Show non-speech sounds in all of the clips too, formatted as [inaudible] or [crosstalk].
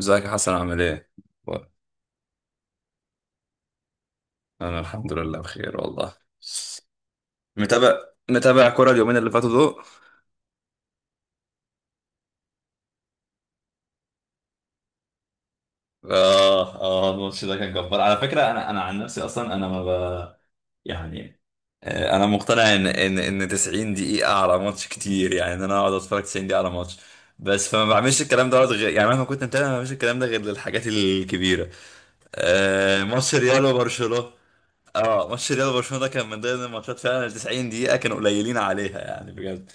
ازيك يا حسن عامل ايه؟ و- انا الحمد لله بخير والله. متابع. كرة اليومين اللي فاتوا دول. اه، اه، الماتش ده كان جبار على فكره. انا عن نفسي، اصلا انا ما ب... يعني، انا مقتنع ان 90 دقيقه على ماتش كتير، يعني ان انا اقعد اتفرج 90 دقيقه على ماتش. بس فما بعملش الكلام ده غير، يعني مهما كنت متابع ما بعملش الكلام ده غير للحاجات الكبيره. ماتش ريال وبرشلونه. اه ماتش ريال وبرشلونه ده كان من ضمن الماتشات، فعلا ال 90 دقيقه كانوا قليلين عليها، يعني بجد.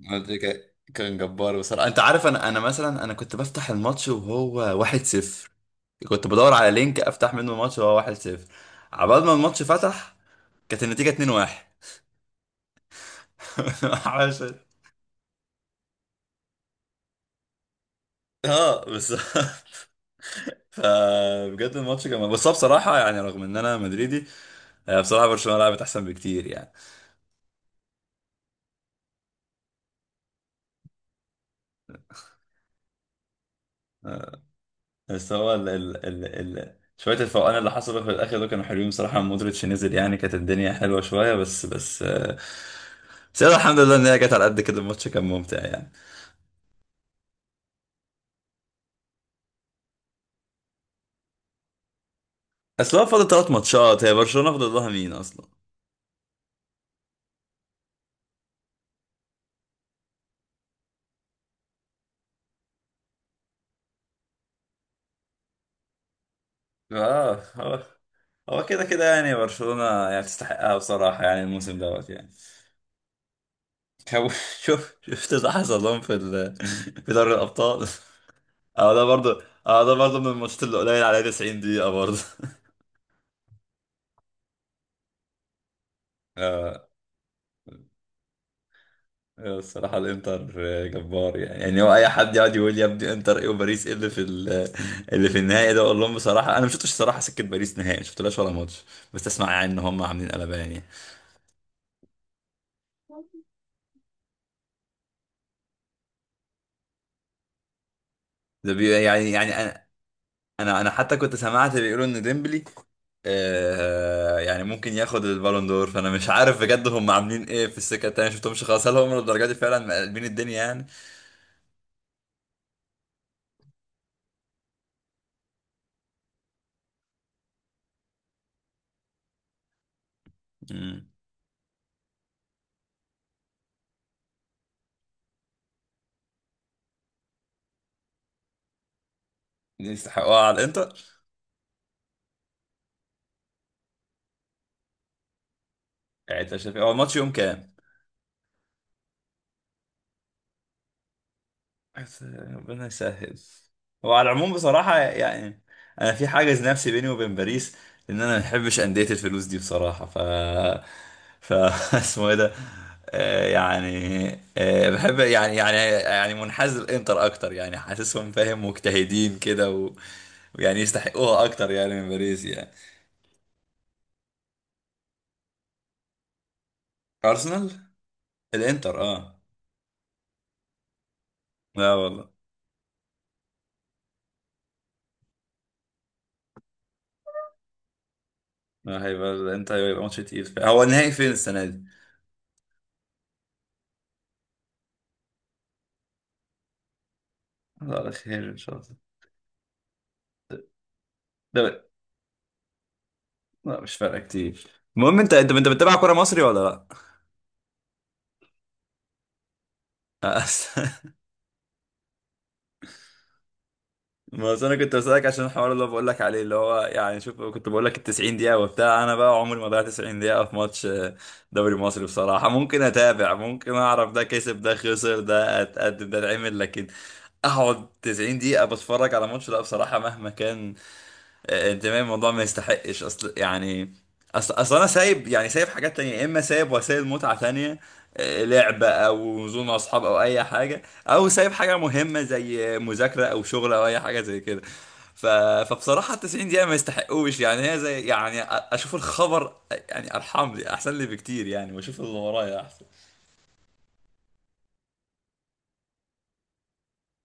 الماتش كان جبار بصراحة. انت عارف، انا مثلا انا كنت بفتح الماتش وهو 1-0، كنت بدور على لينك افتح منه الماتش وهو 1-0، عبال ما الماتش فتح كانت النتيجة 2-1. [laughs] عشان، اه بالظبط. [laughs] فبجد الماتش كان، بس هو بصراحة، يعني رغم ان انا مدريدي، بصراحة برشلونة لعبت احسن بكتير يعني. بس هو ال شوية الفوقان اللي حصلوا في الآخر دول كانوا حلوين بصراحة، لما مودريتش نزل يعني كانت الدنيا حلوة شوية. بس يلا الحمد لله إن هي جت على قد كده، الماتش كان ممتع يعني. أصل هو فاضل تلات ماتشات، هي برشلونة فاضل لها مين أصلا؟ هو هو كده كده، يعني برشلونة يعني تستحقها بصراحة، يعني الموسم دوت يعني. هو- [laughs] شوف، شفت اللي حصل لهم في في دوري الأبطال. اه ده برضه، من الماتشات اللي قليل عليها 90 دقيقة برضه. [laughs] اه، الصراحة الانتر جبار يعني. هو اي حد يقعد يقول يا ابني انتر ايه وباريس ايه اللي في اللي في النهائي ده، اقول لهم بصراحة انا ما شفتش الصراحة، سكة باريس نهائي ما شفتلهاش ولا ماتش. بس اسمع، يعني ان هم عاملين قلبان يعني. ده بي يعني يعني انا انا حتى كنت سمعت بيقولوا ان ديمبلي يعني ممكن ياخد البالون دور. فانا مش عارف بجد هم عاملين ايه في السكة التانية، ما شفتهمش خالص. هل هم للدرجة دي فعلا مقلبين الدنيا يعني؟ امم. يستحقوها على الانتر. يعني انت شايف إيه؟ هو الماتش يوم كام؟ بس ربنا يسهل. وعلى العموم بصراحة، يعني أنا في حاجز نفسي بيني وبين باريس، لأن أنا ما بحبش أندية الفلوس دي بصراحة. ف ف [laughs] اسمه إيه ده، آه، يعني بحب يعني، منحاز للإنتر أكتر، يعني حاسسهم فاهم مجتهدين كده و... ويعني يستحقوها أكتر يعني من باريس يعني. أرسنال. الإنتر، أه. لا والله. لا، هيبقى الإنتر هيبقى ماتش تقيل. هو النهائي فين السنة دي؟ الله على خير إن شاء الله. ده لا مش فارقه كتير. المهم، انت بتتابع كوره مصري ولا لا؟ أص- [laughs] ما اصل انا كنت بسألك عشان الحوار اللي بقول لك عليه، اللي هو يعني شوف كنت بقول لك ال 90 دقيقة وبتاع. انا بقى عمري ما ضيعت 90 دقيقة في ماتش. دوري مصري بصراحة ممكن اتابع، ممكن اعرف ده كسب ده خسر ده اتقدم ده اتعمل، لكن اقعد 90 دقيقة بتفرج على ماتش لا بصراحة مهما كان. انت فاهم الموضوع ما يستحقش. اصل يعني اصل اصل انا سايب، يعني سايب حاجات تانية، يا اما سايب وسائل متعة تانية، لعبة او نزول مع اصحاب او اي حاجة، او سايب حاجة مهمة زي مذاكرة او شغل او اي حاجة زي كده. ف... فبصراحة 90 دقيقة ما يستحقوش، يعني هي زي يعني اشوف الخبر يعني، ارحم لي احسن لي بكتير يعني، واشوف اللي ورايا احسن.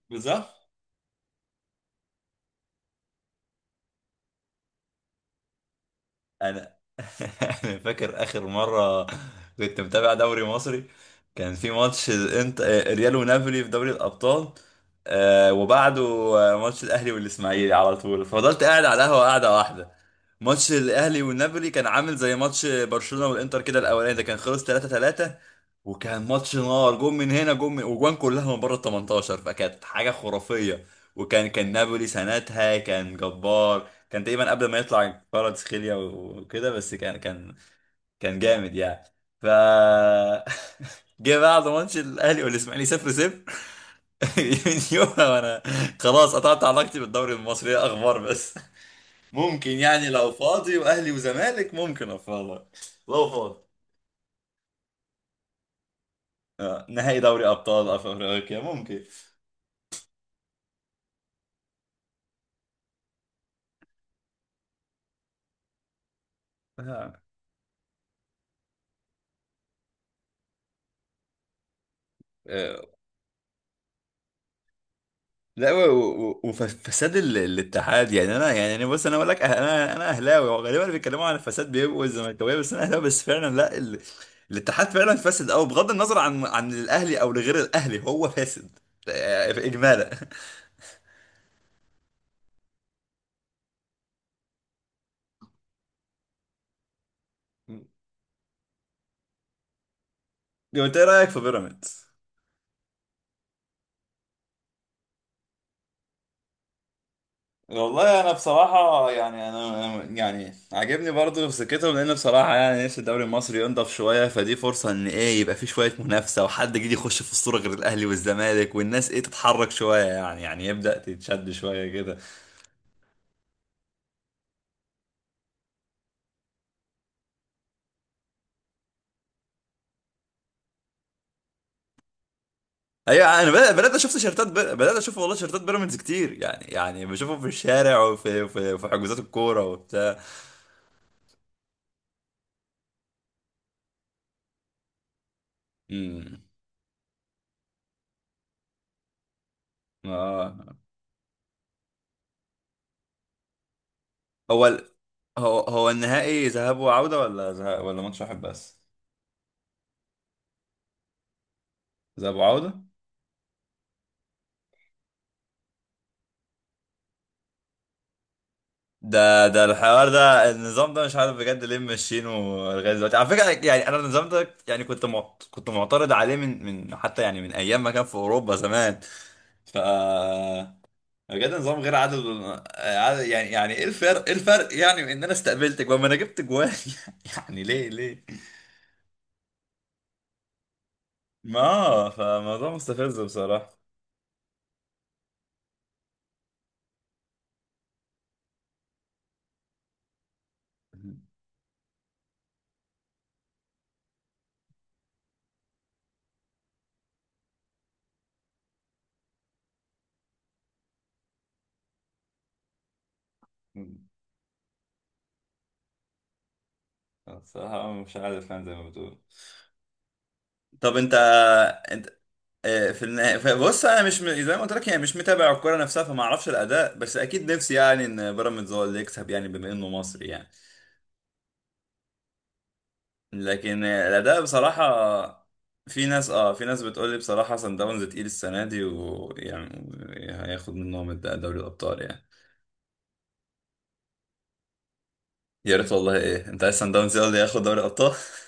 بالظبط. انا [laughs] أنا فاكر اخر مره كنت متابع دوري مصري، كان في ماتش ريال ونابولي في دوري الابطال، وبعده، ماتش الاهلي والاسماعيلي على طول. فضلت قاعد على القهوه قاعده واحده. ماتش الاهلي والنابولي كان عامل زي ماتش برشلونه والانتر كده، الاولاني ده كان خلص 3 3، وكان ماتش نار، جون من هنا جون من، وجوان كلها من بره ال 18، فكانت حاجه خرافيه. وكان نابولي سنتها كان جبار، كان تقريبا قبل ما يطلع فرد سخيليا وكده، بس كان جامد يعني. ف [laughs] جه بعد ماتش الاهلي والاسماعيلي 0 0. [laughs] من يومها وانا خلاص قطعت علاقتي بالدوري المصري، هي اخبار بس. ممكن يعني لو فاضي واهلي وزمالك ممكن اتفرج، لو فاضي، نهائي دوري ابطال افريقيا ممكن. آه. لا، وفساد الاتحاد. يعني انا، يعني انا بص انا بقول لك انا اهلاوي، وغالبا اللي بيتكلموا عن الفساد بيبقوا الزملكاويه، بس انا اهلاوي، بس فعلا لا، الاتحاد فعلا فاسد. او بغض النظر عن الاهلي او لغير الاهلي، هو فاسد اجمالا. [laughs] انت ايه رايك في بيراميدز؟ والله انا بصراحه يعني يعني عاجبني برضه في سكتهم، لان بصراحه يعني نفسي الدوري المصري ينضف شويه. فدي فرصه ان ايه يبقى في شويه منافسه وحد جديد يخش في الصوره غير الاهلي والزمالك، والناس ايه تتحرك شويه يعني. يبدا تتشد شويه كده. ايوه انا بدات اشوف تيشيرتات بدات اشوف والله تيشيرتات بيراميدز كتير يعني. بشوفهم في الشارع، في حجوزات الكوره وبتاع. امم. اه، هو هو النهائي ذهاب وعوده ولا ولا ماتش واحد بس؟ ذهاب وعوده. ده الحوار ده، النظام ده مش عارف بجد ليه ماشيينه لغايه دلوقتي. على فكره يعني انا النظام ده يعني كنت معترض عليه من، من حتى يعني، من ايام ما كان في اوروبا زمان. ف بجد نظام غير عادل. يعني، ايه الفرق، يعني من ان انا استقبلتك، وما انا جبت جوان. [laughs] يعني ليه، ليه؟ ما آه، فموضوع مستفز بصراحه. [laughs] بصراحه مش عارف، يعني زي ما بتقول. طب انت، انت في النهاية، فبص انا مش م- زي ما قلت لك، يعني مش متابع الكوره نفسها فما اعرفش الاداء، بس اكيد نفسي يعني ان بيراميدز هو اللي يكسب، يعني بما انه مصري يعني. لكن الاداء بصراحه. في ناس، بتقول لي بصراحه سان داونز تقيل السنه دي، ويعني هياخد منهم دوري الابطال يعني. يا ريت والله. ايه انت عايز سان داونز هو اللي ياخد دوري الابطال؟ [laughs]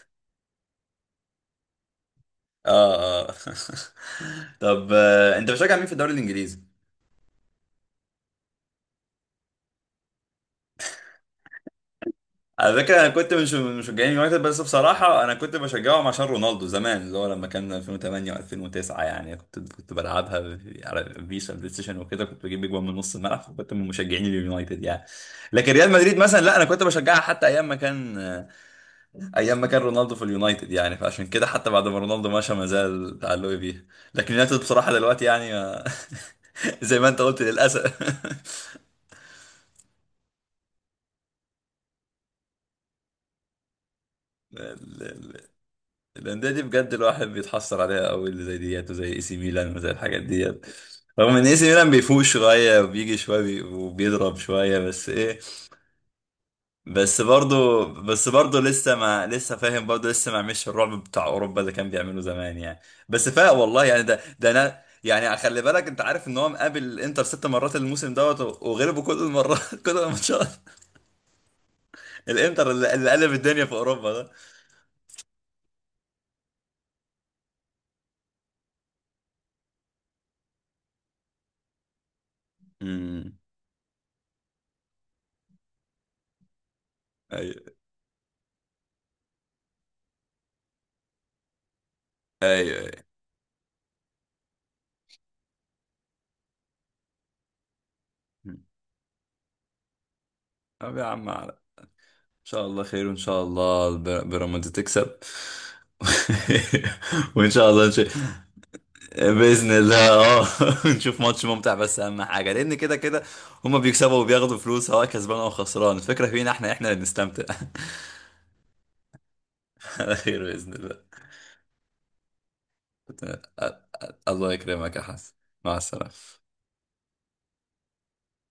اه، اه. [laughs] طب، انت بتشجع مين في الدوري الانجليزي؟ على فكره انا كنت مش من مشجعين اليونايتد، بس بصراحه انا كنت بشجعهم عشان رونالدو زمان، اللي هو لما كان 2008 و2009، يعني كنت بلعبها على فيشا بلاي ستيشن وكده، كنت بجيب اجوان من نص الملعب، فكنت من مشجعين اليونايتد يعني. لكن ريال مدريد مثلا لا، انا كنت بشجعها حتى ايام ما كان، ايام ما كان رونالدو في اليونايتد يعني، فعشان كده حتى بعد ما رونالدو مشى ما زال تعلقي بيها. لكن اليونايتد بصراحه دلوقتي يعني، [laughs] زي ما انت قلت للاسف. [laughs] الانديه دي بجد الواحد بيتحسر عليها قوي، اللي زي ديت، وزي اي سي ميلان، وزي الحاجات ديت. رغم ان اي سي ميلان بيفوق شويه وبيجي شويه وبيضرب شويه، بس ايه، بس برضه، بس برضه لسه ما، لسه فاهم برضه لسه ما عملش الرعب بتاع اوروبا اللي كان بيعمله زمان يعني. بس فاق والله يعني. ده انا يعني خلي بالك، انت عارف ان هو مقابل الانتر ست مرات الموسم دوت، وغلبه كل المرات. [laughs] كل الماتشات، الانتر اللي قلب الدنيا في اوروبا ده. امم. ايوه، ايوه، ايوه. طب يا عم، شاء الله خير، وإن شاء الله بيراميدز تكسب. [laughs] وإن شاء الله بإذن الله، اه. [laughs] نشوف ماتش ممتع بس، أهم حاجة، لأن كده كده هما بيكسبوا وبياخدوا فلوس سواء كسبان أو خسران. الفكرة فينا احنا، اللي بنستمتع. [laughs] على خير بإذن الله. [laughs] الله يكرمك يا حسن، مع السلامة.